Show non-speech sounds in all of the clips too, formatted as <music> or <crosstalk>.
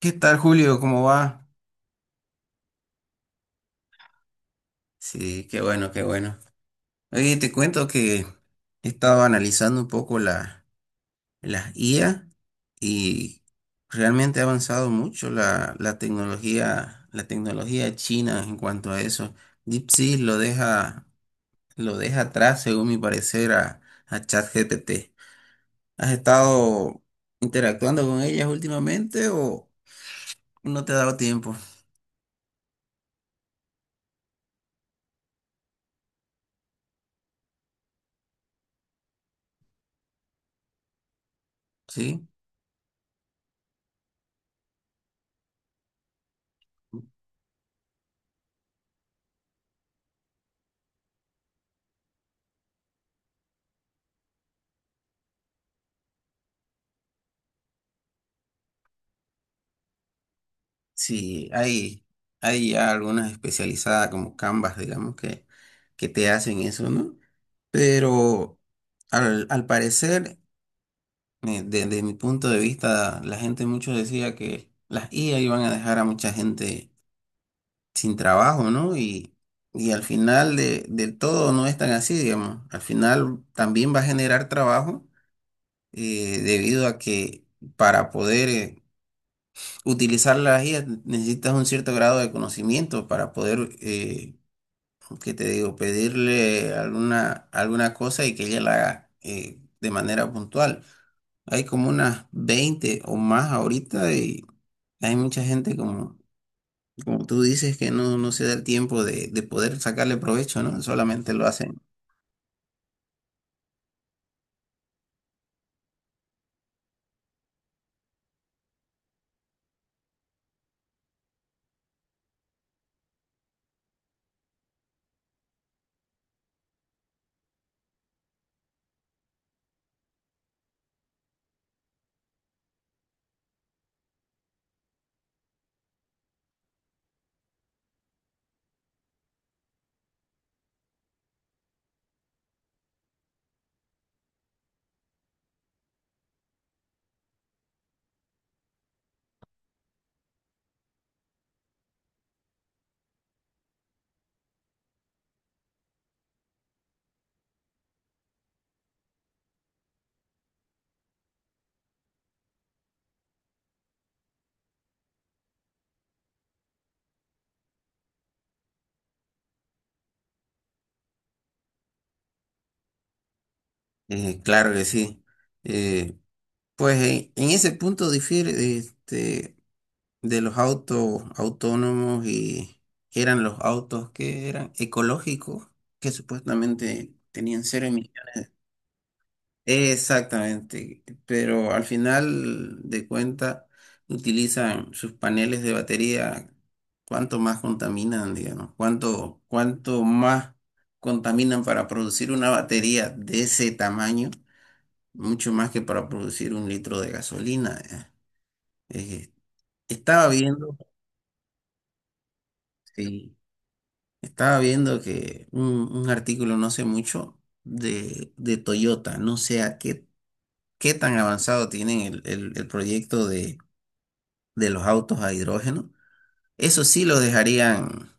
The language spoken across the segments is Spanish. ¿Qué tal, Julio? ¿Cómo va? Sí, qué bueno, qué bueno. Oye, te cuento que he estado analizando un poco las IA y realmente ha avanzado mucho la tecnología china en cuanto a eso. DeepSeek lo deja atrás, según mi parecer, a ChatGPT. ¿Has estado interactuando con ellas últimamente o no te ha dado tiempo? ¿Sí? Sí, hay ya algunas especializadas como Canvas, digamos, que te hacen eso, ¿no? Pero al parecer, desde mi punto de vista, la gente mucho decía que las IA iban a dejar a mucha gente sin trabajo, ¿no? Y al final del todo no es tan así, digamos. Al final también va a generar trabajo debido a que para poder... utilizar las IA necesitas un cierto grado de conocimiento para poder, ¿qué te digo?, pedirle alguna cosa y que ella la haga de manera puntual. Hay como unas 20 o más ahorita y hay mucha gente como, como tú dices que no, no se da el tiempo de poder sacarle provecho, ¿no? Solamente lo hacen. Claro que sí. Eh, pues en ese punto difiere, este, de los autos autónomos y que eran los autos que eran ecológicos, que supuestamente tenían cero emisiones. Exactamente, pero al final de cuenta utilizan sus paneles de batería, cuánto más contaminan, digamos, cuánto más contaminan para producir una batería de ese tamaño, mucho más que para producir un litro de gasolina. Eh, estaba viendo, sí, estaba viendo que un artículo no sé mucho de Toyota, no sé a qué, qué tan avanzado tienen el proyecto de los autos a hidrógeno. Eso sí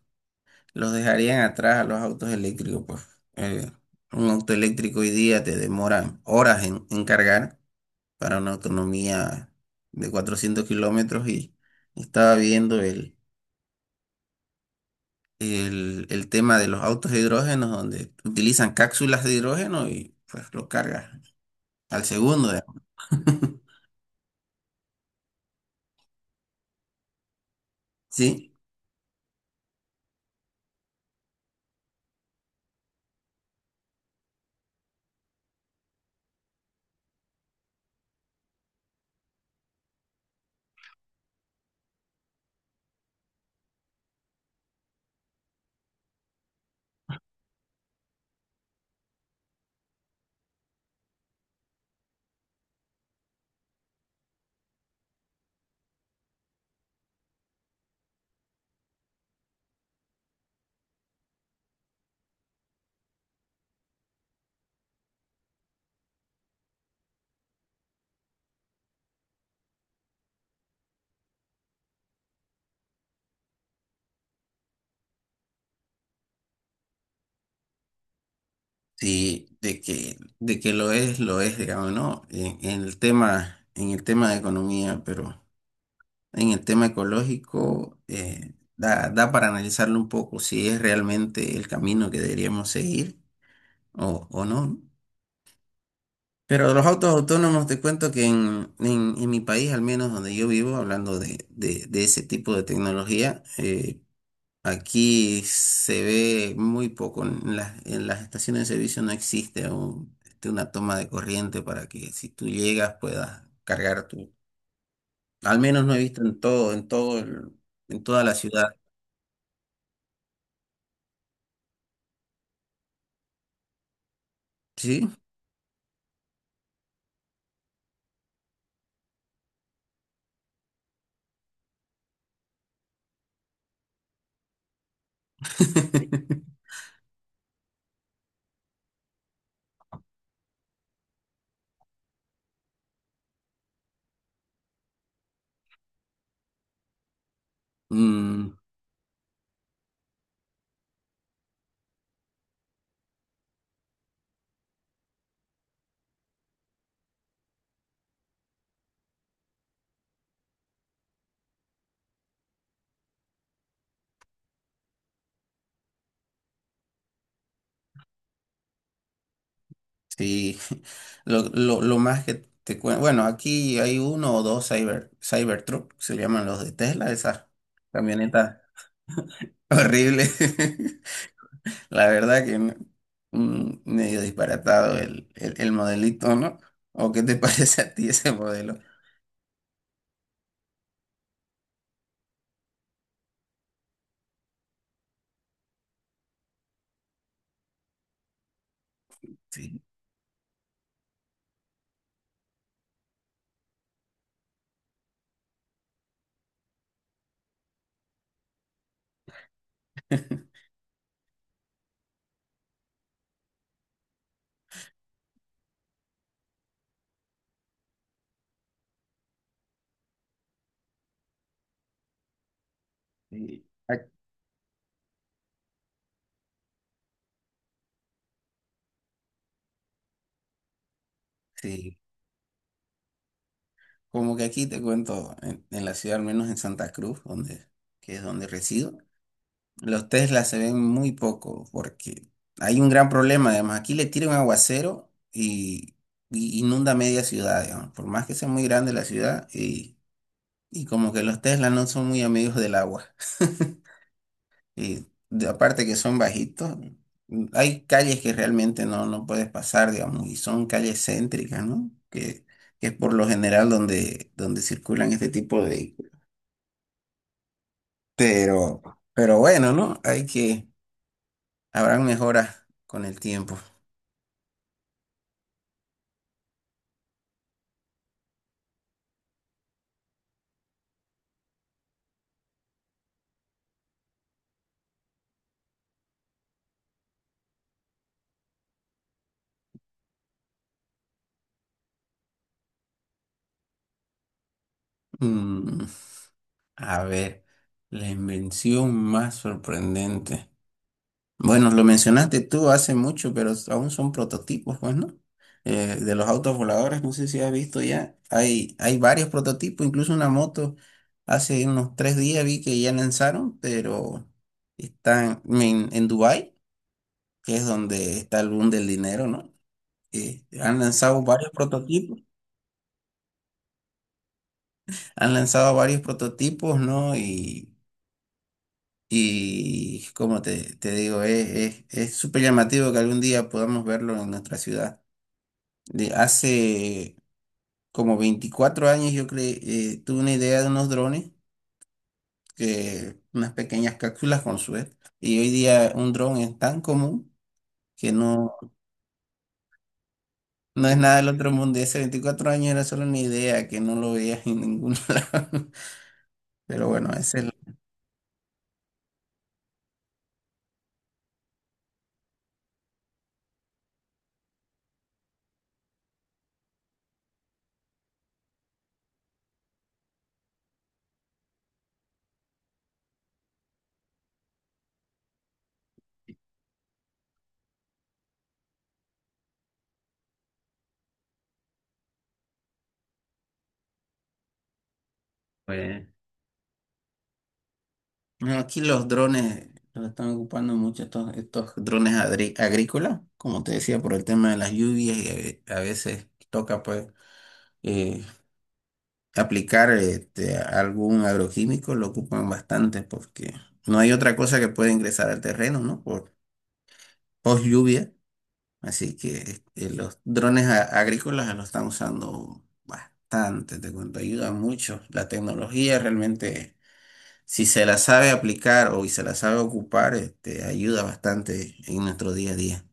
los dejarían atrás a los autos eléctricos, pues. Eh, un auto eléctrico hoy día te demora horas en cargar para una autonomía de 400 km y estaba viendo el tema de los autos de hidrógeno, donde utilizan cápsulas de hidrógeno y pues lo cargas al segundo, digamos. <laughs> Sí, sí, de que lo es, digamos, ¿no? En el tema de economía, pero en el tema ecológico, da, da para analizarlo un poco si es realmente el camino que deberíamos seguir o no. Pero los autos autónomos, te cuento que en mi país, al menos donde yo vivo, hablando de, de ese tipo de tecnología, aquí se ve muy poco. En en las estaciones de servicio no existe este, una toma de corriente para que si tú llegas puedas cargar tu... Al menos no he visto en todo, en todo, en toda la ciudad, ¿sí? <laughs> Mm, sí, <laughs> lo más que te cuento, bueno, aquí hay uno o dos Cybertruck, se llaman los de Tesla, esas camionetas horribles. <laughs> La verdad que mm, medio disparatado el modelito, ¿no? ¿O qué te <laughs> parece a ti ese modelo? Sí, sí, sí. Como que aquí te cuento, en la ciudad, al menos en Santa Cruz, donde, que es donde resido. Los Tesla se ven muy poco porque hay un gran problema. Además, aquí le tira un aguacero y inunda media ciudad, digamos. Por más que sea muy grande la ciudad, y como que los Tesla no son muy amigos del agua. Y aparte que son bajitos, mm, hay calles que realmente no, no puedes pasar, digamos, y son calles céntricas, ¿no? Que es por lo general donde, donde circulan este tipo de vehículos. Pero, pero bueno, ¿no? Hay que, habrán mejoras con el tiempo. Mm, a ver, la invención más sorprendente. Bueno, lo mencionaste tú hace mucho, pero aún son prototipos, pues, ¿no? De los autos voladores, no sé si has visto ya, hay varios prototipos, incluso una moto. Hace unos tres días vi que ya lanzaron, pero están en Dubái, que es donde está el boom del dinero, ¿no? Han lanzado varios prototipos, han lanzado varios prototipos, ¿no? Y como te digo, es súper llamativo que algún día podamos verlo en nuestra ciudad. De hace como 24 años yo creé, tuve una idea de unos drones, que, unas pequeñas cápsulas con suerte. Y hoy día un dron es tan común que no, no es nada del otro mundo. Y hace 24 años era solo una idea que no lo veías en ningún <laughs> lado. Pero bueno, ese es... lo- bueno, aquí los drones los están ocupando mucho estos, estos drones agrícolas, como te decía, por el tema de las lluvias y a veces toca pues eh, aplicar este, algún agroquímico, lo ocupan bastante porque no hay otra cosa que pueda ingresar al terreno, ¿no? Por post lluvia, así que este, los drones agrícolas los están usando bastante, te cuento, ayudan mucho. La tecnología realmente si se la sabe aplicar o y se la sabe ocupar, este, ayuda bastante en nuestro día a día.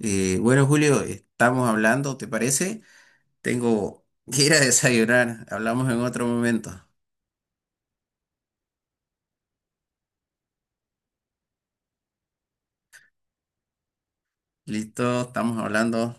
Bueno, Julio, estamos hablando, ¿te parece? Tengo que ir a desayunar. Hablamos en otro momento. Listo, estamos hablando.